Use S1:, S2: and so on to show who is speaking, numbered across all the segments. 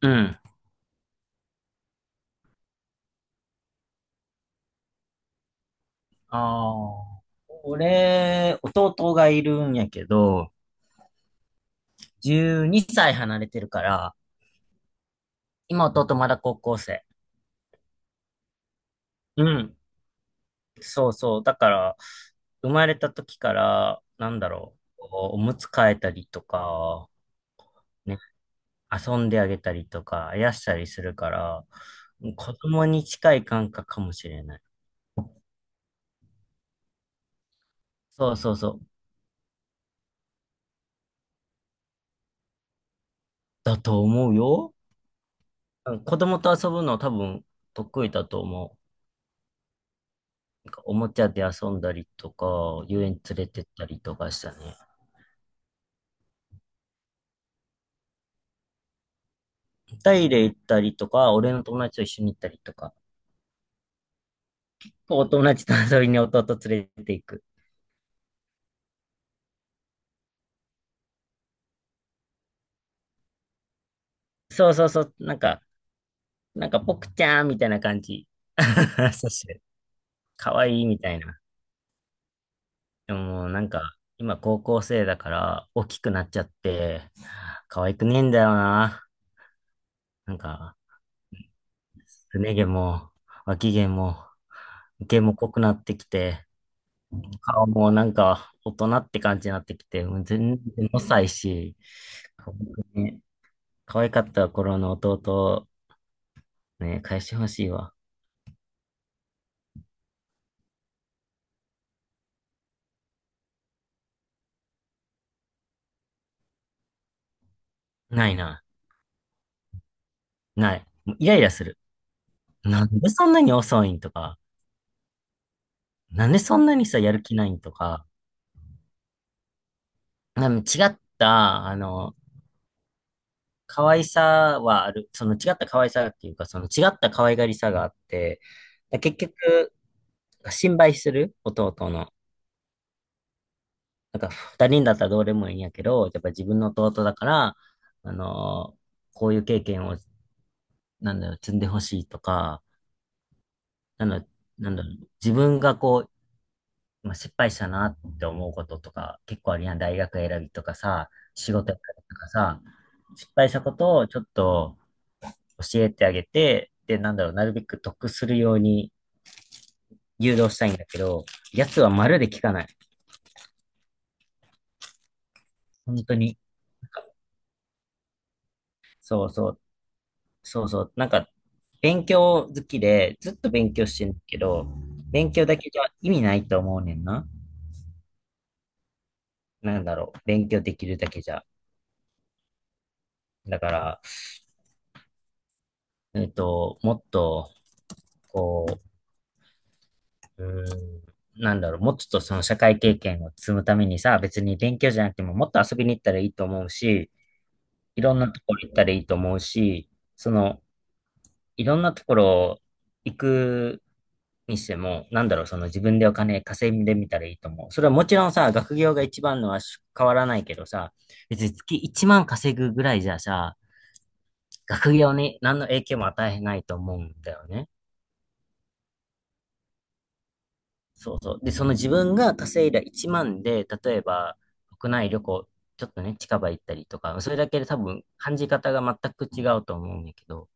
S1: うん。ああ。俺、弟がいるんやけど、12歳離れてるから、今弟まだ高校生。うん。そうそう。だから、生まれた時から、なんだろう、おむつ替えたりとか、ね、遊んであげたりとか、あやしたりするから、子供に近い感覚かもしれない。そうそうそう。だと思うよ。うん、子供と遊ぶの多分得意だと思う。おもちゃで遊んだりとか、遊園連れてったりとかしたね。タイで行ったりとか、俺の友達と一緒に行ったりとか、お友達と遊びに弟連れて行く。そうそうそう、なんか、ポクちゃんみたいな感じ。そして、かわいいみたいな。でもうなんか、今高校生だから大きくなっちゃって、可愛くねえんだよな。なんか、すね毛も、脇毛も、毛も濃くなってきて、顔もなんか大人って感じになってきて、もう全然ごさいし、本当にね、可愛かった頃の弟をね、返してほしいわ。ないな。ない。もうイライラする。なんでそんなに遅いんとか、なんでそんなにさ、やる気ないんとか、なんか違った、可愛さはある。その違った可愛さっていうか、その違った可愛がりさがあって、結局、心配する弟の。なんか二人だったらどうでもいいんやけど、やっぱ自分の弟だから、あのーこういう経験を、なんだろう、積んでほしいとか、なんだろなんだろう、自分がこう、まあ、失敗したなって思うこととか、結構あるやん。大学選びとかさ、仕事選びとかさ、失敗したことをちょっと教えてあげて、で、なんだろう、なるべく得するように誘導したいんだけど、やつはまるで聞かない。本当に。そうそう。そうそう、なんか、勉強好きで、ずっと勉強してるけど、勉強だけじゃ意味ないと思うねんな。なんだろう、勉強できるだけじゃ。だから、もっと、こう、なんだろう、もうちょっとその社会経験を積むためにさ、別に勉強じゃなくても、もっと遊びに行ったらいいと思うし、いろんなところ行ったらいいと思うし、その、いろんなところ行くにしても、なんだろう、その自分でお金稼いでみたらいいと思う。それはもちろんさ、学業が一番のは変わらないけどさ、別に月1万稼ぐぐらいじゃさ、学業に何の影響も与えないと思うんだよね。そうそう。で、その自分が稼いだ1万で、例えば国内旅行、ちょっとね、近場行ったりとか、それだけで多分感じ方が全く違うと思うんだけど、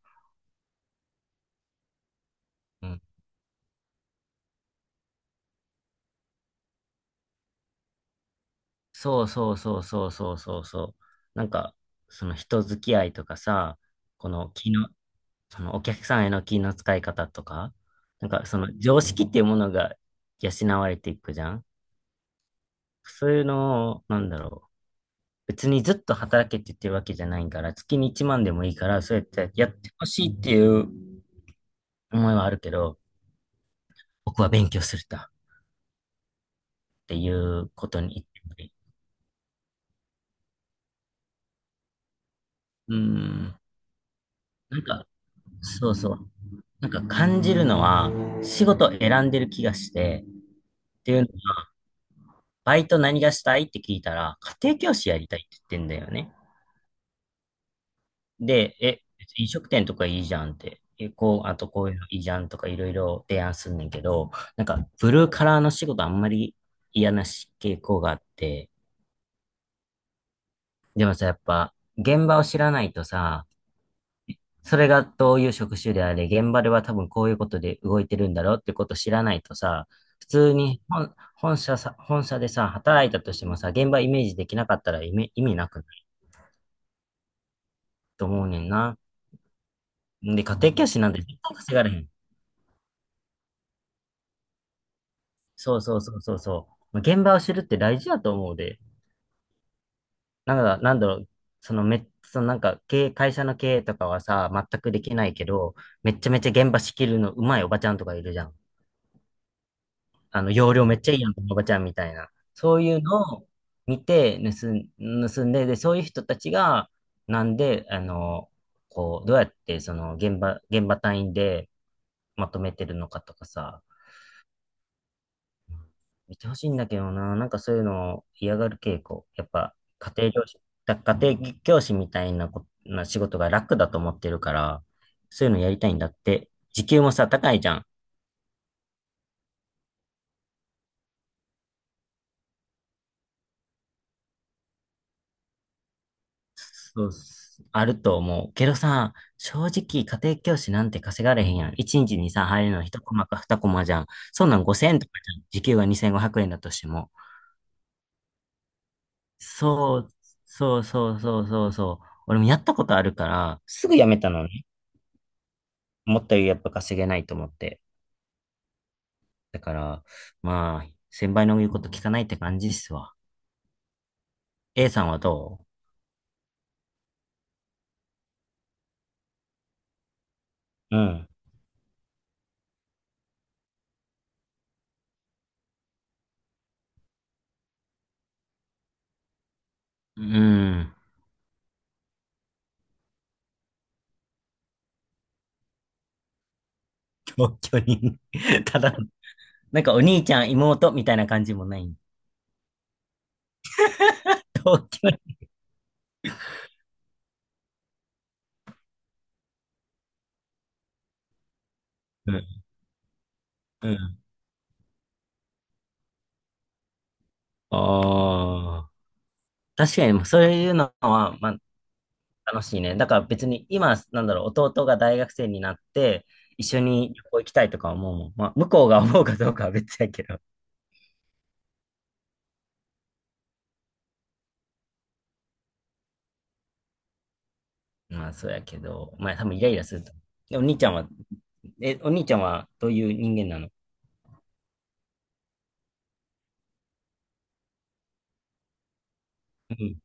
S1: うん。そうそうそうそうそうそうそう。なんか、その人付き合いとかさ、この気の、そのお客さんへの気の使い方とか、なんかその常識っていうものが養われていくじゃん。そういうのを、なんだろう。別にずっと働けって言ってるわけじゃないから、月に1万でもいいから、そうやってやってほしいっていう思いはあるけど、僕は勉強するんだっていうことに言って。うん。なんか、そうそう。なんか感じるのは、仕事選んでる気がして、っていうのは、バイト何がしたいって聞いたら、家庭教師やりたいって言ってんだよね。で、飲食店とかいいじゃんって、こう、あとこういうのいいじゃんとかいろいろ提案すんねんけど、なんか、ブルーカラーの仕事あんまり嫌なし傾向があって、でもさ、やっぱ、現場を知らないとさ、それがどういう職種であれ、現場では多分こういうことで動いてるんだろうってことを知らないとさ、普通に本社さ、本社でさ、働いたとしてもさ、現場イメージできなかったら意味なくないと思うねんな。で、家庭教師なんて絶対稼がれへん。そうそうそうそうそう。まあ現場を知るって大事だと思うで。なんだろう、そのめ、そのなんか経営、会社の経営とかはさ、全くできないけど、めっちゃめちゃ現場仕切るのうまいおばちゃんとかいるじゃん。あの、容量めっちゃいいやん、このおばちゃんみたいな。そういうのを見て盗んで、で、そういう人たちが、なんで、こう、どうやってその現場単位でまとめてるのかとかさ、見てほしいんだけどな。なんかそういうのを嫌がる傾向。やっぱ、家庭教師みたいなこ、な仕事が楽だと思ってるから、そういうのやりたいんだって。時給もさ、高いじゃん。そうっす、あると思う。けどさ、正直家庭教師なんて稼がれへんやん。1日にちにさ、入るの1コマか2コマじゃん。そんなん5000円とかじゃん。時給が2500円だとしても。そう、そうそうそうそうそう。俺もやったことあるから、すぐ辞めたのね。思ったよりやっぱ稼げないと思って。だから、まあ、先輩の言うこと聞かないって感じっすわ。A さんはどう？うん。うん。同居人。 ただ、なんかお兄ちゃん、妹みたいな感じもない。うん。うん。ああ。確かに、そういうのは、まあ、楽しいね。だから別に今、なんだろう、弟が大学生になって、一緒に旅行行きたいとか思うもん。まあ、向こうが思うかどうかは別やけど。まあ、そうやけど、まあ、多分イライラすると。で、お兄ちゃんはどういう人間なの？うん。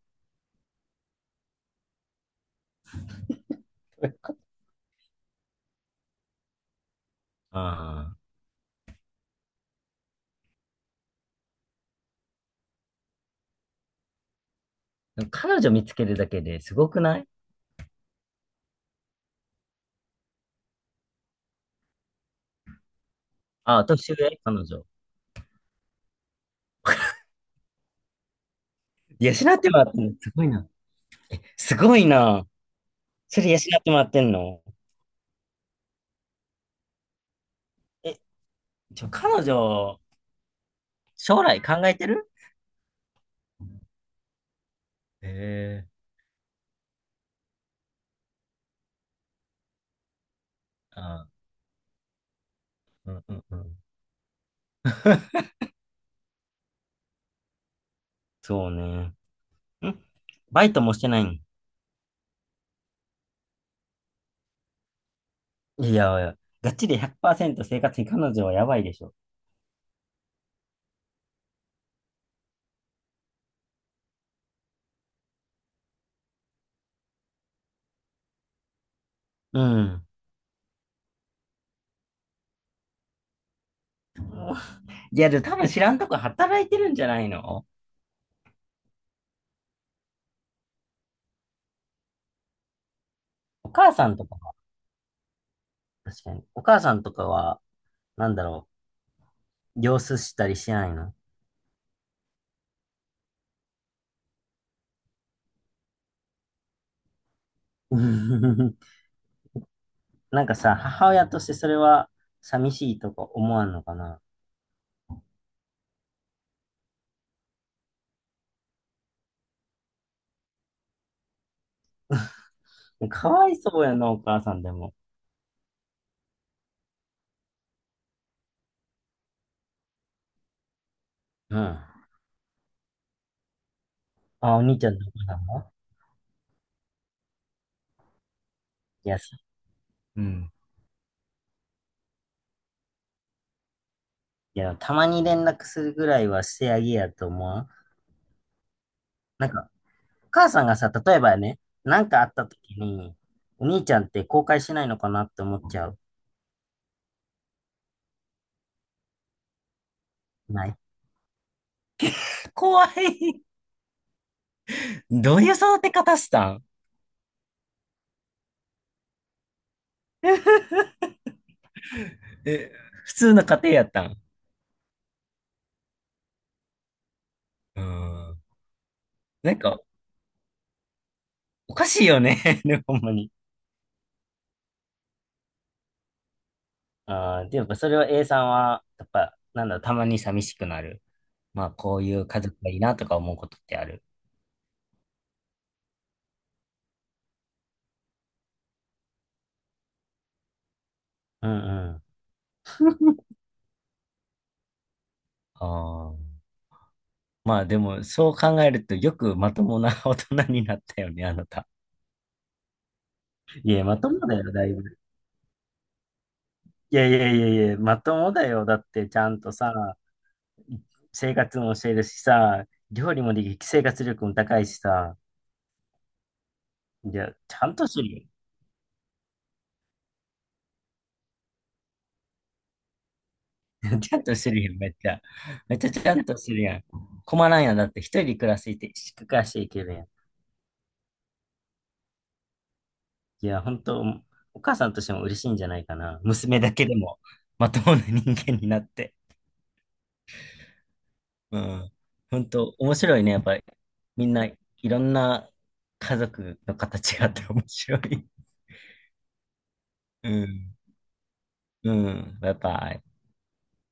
S1: ああ。でも彼女見つけるだけですごくない？ああ、年上彼女。養ってもらってんのすごいな。すごいな。それ養ってもらってんの？え、ちょ、彼女、将来考えてる？ええー。ああ、うんうんうん。そうね。んバイトもしてないん？いやいや、がっちり100%生活に彼女はやばいでしょ。うん。いや、でも多分知らんとこ働いてるんじゃないの？お母さんとかは、確かに。お母さんとかは、なんだろう、様子したりしないの？ なんかさ、母親としてそれは寂しいとか思わんのかな？かわいそうやな、お母さんでも。うん。あ、お兄ちゃんのお母さんも？いや、そうん。いや、たまに連絡するぐらいはしてあげやと思わん？なんか、お母さんがさ、例えばね、なんかあった時に、お兄ちゃんって後悔しないのかなって思っちゃう。ない？怖い。どういう育て方したん？え、普通の家庭やったん？うん。なんか、おかしいよね。ね、ほんまに。ああ、でやっぱそれは A さんは、やっぱ、なんだろう、たまに寂しくなる。まあ、こういう家族がいいなとか思うことってある？うんうん。ああ。まあでも、そう考えると、よくまともな 大人になったよね、あなた。いや、まともだよ、だいぶ。いやいやいやいや、まともだよ。だって、ちゃんとさ、生活も教えるしさ、料理もできる、生活力も高いしさ、いや、ちゃんとしてるよ。ちゃんとしてるよ、めっちゃ。めっちゃちゃんとしてるやん。困らんやん、だって一人で暮らしていて、暮らしていけるやん。いや、本当、お母さんとしても嬉しいんじゃないかな。娘だけでも、まともな人間になって。うん。本当面白いね、やっぱり。みんないろんな家族の形があって面白い。うん。うん。やっぱ、